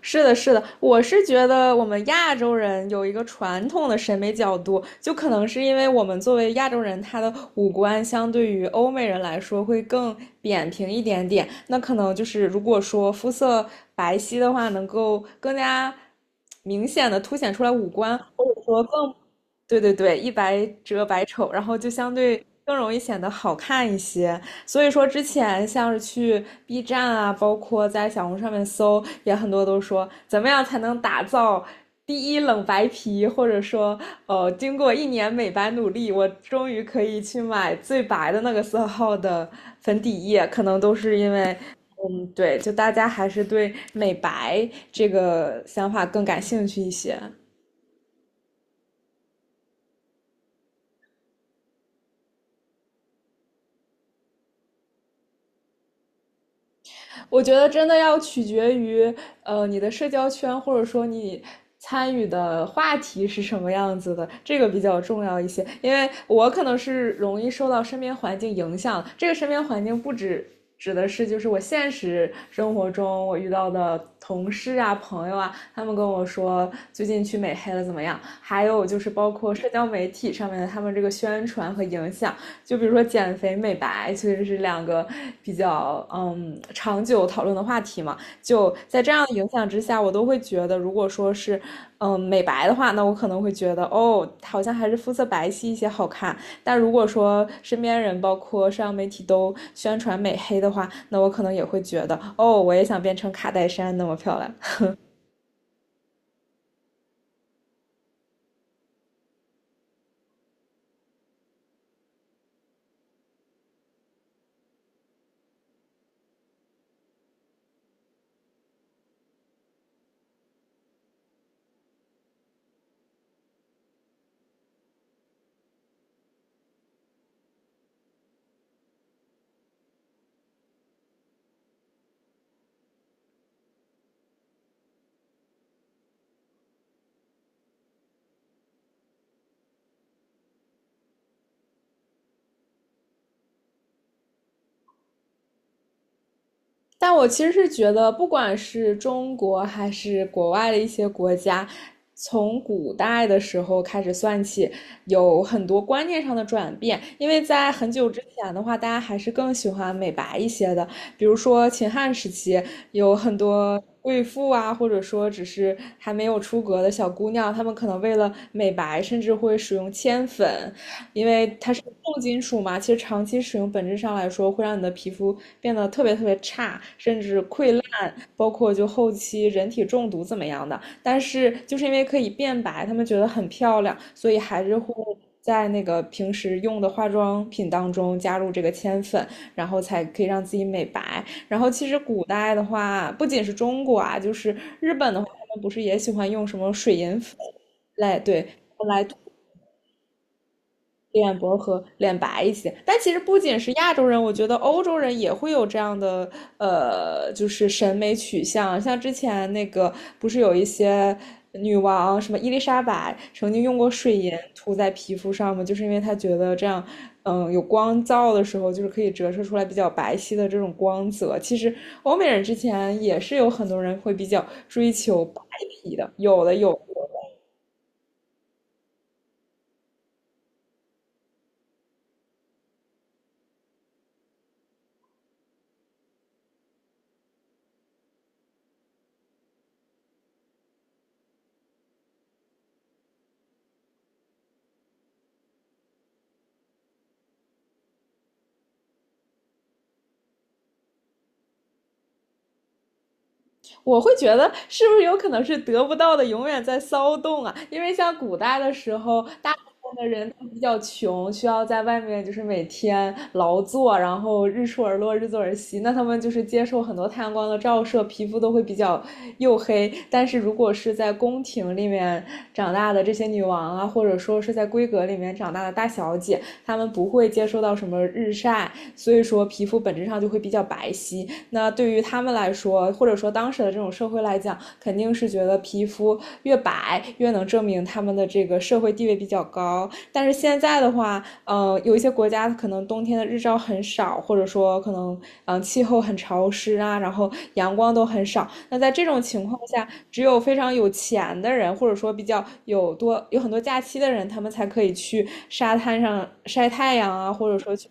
是的，是的，我是觉得我们亚洲人有一个传统的审美角度，就可能是因为我们作为亚洲人，他的五官相对于欧美人来说会更扁平一点点。那可能就是如果说肤色白皙的话，能够更加明显的凸显出来五官，或者说对对对，一白遮百丑，然后就相对更容易显得好看一些。所以说之前像是去 B 站啊，包括在小红书上面搜，也很多都说怎么样才能打造第一冷白皮，或者说，经过一年美白努力，我终于可以去买最白的那个色号的粉底液，可能都是因为。嗯，对，就大家还是对美白这个想法更感兴趣一些。我觉得真的要取决于你的社交圈，或者说你参与的话题是什么样子的，这个比较重要一些。因为我可能是容易受到身边环境影响，这个身边环境不止。指的是就是我现实生活中我遇到的同事啊、朋友啊，他们跟我说最近去美黑了怎么样？还有就是包括社交媒体上面的他们这个宣传和影响，就比如说减肥、美白，其实是两个比较长久讨论的话题嘛。就在这样的影响之下，我都会觉得，如果说是美白的话，那我可能会觉得哦，好像还是肤色白皙一些好看。但如果说身边人，包括社交媒体都宣传美黑的话，那我可能也会觉得哦，我也想变成卡戴珊那么漂亮。但我其实是觉得，不管是中国还是国外的一些国家，从古代的时候开始算起，有很多观念上的转变。因为在很久之前的话，大家还是更喜欢美白一些的，比如说秦汉时期，有很多贵妇啊，或者说只是还没有出阁的小姑娘，她们可能为了美白，甚至会使用铅粉，因为它是重金属嘛，其实长期使用本质上来说会让你的皮肤变得特别特别差，甚至溃烂，包括就后期人体中毒怎么样的。但是就是因为可以变白，他们觉得很漂亮，所以还是会在那个平时用的化妆品当中加入这个铅粉，然后才可以让自己美白。然后其实古代的话，不仅是中国啊，就是日本的话，他们不是也喜欢用什么水银粉对，来脸薄和脸白一些。但其实不仅是亚洲人，我觉得欧洲人也会有这样的就是审美取向。像之前那个不是有一些女王，什么伊丽莎白曾经用过水银涂在皮肤上吗？就是因为她觉得这样，嗯，有光照的时候，就是可以折射出来比较白皙的这种光泽。其实欧美人之前也是有很多人会比较追求白皮的，有的有的。我会觉得是不是有可能是得不到的永远在骚动啊？因为像古代的时候，大部分的人都比较穷，需要在外面就是每天劳作，然后日出而落，日作而息。那他们就是接受很多太阳光的照射，皮肤都会比较黝黑。但是如果是在宫廷里面长大的这些女王啊，或者说是在闺阁里面长大的大小姐，他们不会接受到什么日晒，所以说皮肤本质上就会比较白皙。那对于他们来说，或者说当时的这种社会来讲，肯定是觉得皮肤越白越能证明他们的这个社会地位比较高。但是现在的话，有一些国家可能冬天的日照很少，或者说可能气候很潮湿啊，然后阳光都很少。那在这种情况下，只有非常有钱的人，或者说比较有很多假期的人，他们才可以去沙滩上晒太阳啊，或者说去。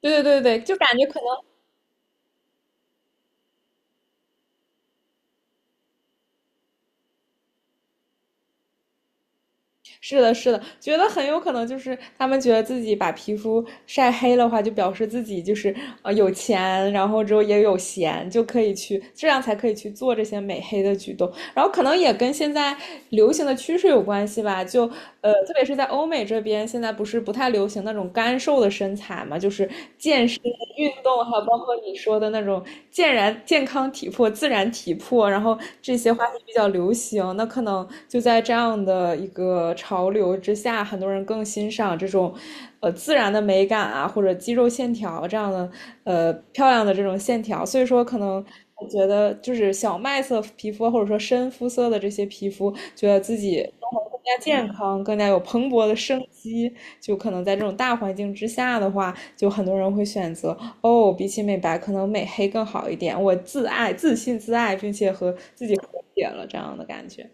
对对对对，就感觉可能是的，是的，觉得很有可能就是他们觉得自己把皮肤晒黑的话，就表示自己就是有钱，然后之后也有闲，就可以去这样才可以去做这些美黑的举动。然后可能也跟现在流行的趋势有关系吧，就特别是在欧美这边，现在不是不太流行那种干瘦的身材嘛，就是健身、运动，还有包括你说的那种健康体魄、自然体魄，然后这些话题比较流行。那可能就在这样的一个潮流之下，很多人更欣赏这种自然的美感啊，或者肌肉线条这样的漂亮的这种线条。所以说，可能我觉得就是小麦色皮肤或者说深肤色的这些皮肤，觉得自己生活更加健康，更加有蓬勃的生机。就可能在这种大环境之下的话，就很多人会选择哦，比起美白，可能美黑更好一点。我自爱、自信、自爱，并且和自己和解了这样的感觉。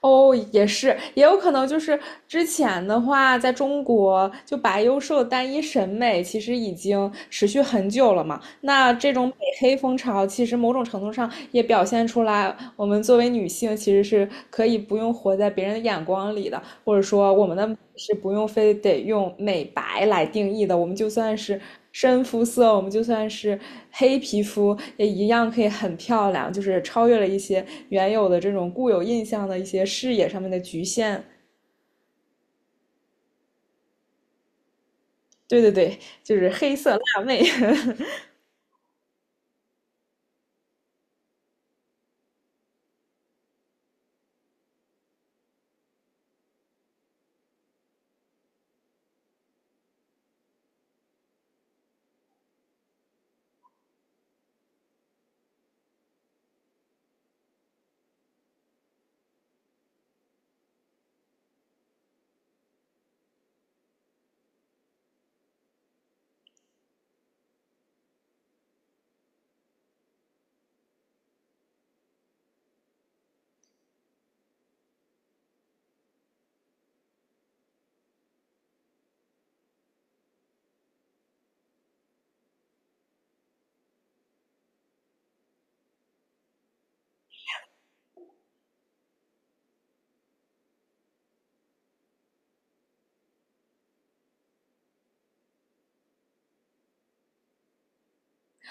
哦，也是，也有可能就是之前的话，在中国就白幼瘦的单一审美其实已经持续很久了嘛。那这种美黑风潮，其实某种程度上也表现出来，我们作为女性其实是可以不用活在别人的眼光里的，或者说我们的美是不用非得用美白来定义的，我们就算是深肤色，我们就算是黑皮肤也一样可以很漂亮，就是超越了一些原有的这种固有印象的一些视野上面的局限。对对对，就是黑色辣妹。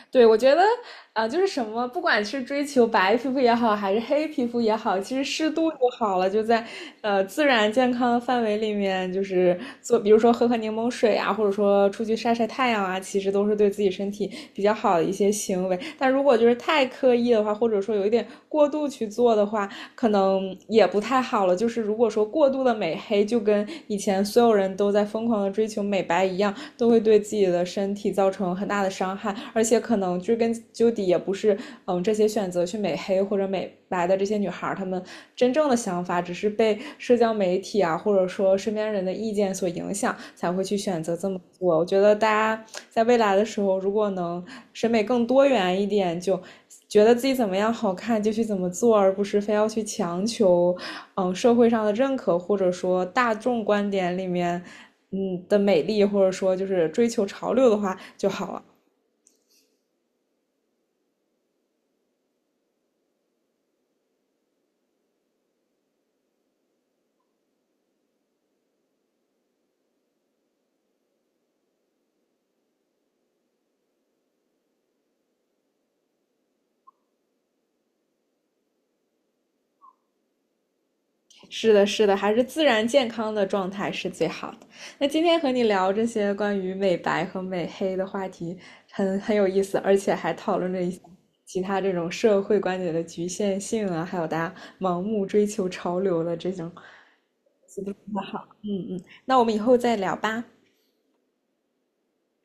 对，我觉得就是什么，不管是追求白皮肤也好，还是黑皮肤也好，其实适度就好了，就在自然健康的范围里面，就是做，比如说喝喝柠檬水啊，或者说出去晒晒太阳啊，其实都是对自己身体比较好的一些行为。但如果就是太刻意的话，或者说有一点过度去做的话，可能也不太好了。就是如果说过度的美黑，就跟以前所有人都在疯狂的追求美白一样，都会对自己的身体造成很大的伤害。而且可能追根究底，也不是这些选择去美黑或者美白的这些女孩她们真正的想法，只是被社交媒体啊，或者说身边人的意见所影响，才会去选择这么做。我觉得大家在未来的时候，如果能审美更多元一点，就觉得自己怎么样好看就去怎么做，而不是非要去强求，社会上的认可，或者说大众观点里面，的美丽，或者说就是追求潮流的话就好了。是的，是的，还是自然健康的状态是最好的。那今天和你聊这些关于美白和美黑的话题很有意思，而且还讨论了一些其他这种社会观点的局限性啊，还有大家盲目追求潮流的这种。嗯嗯，那我们以后再聊吧。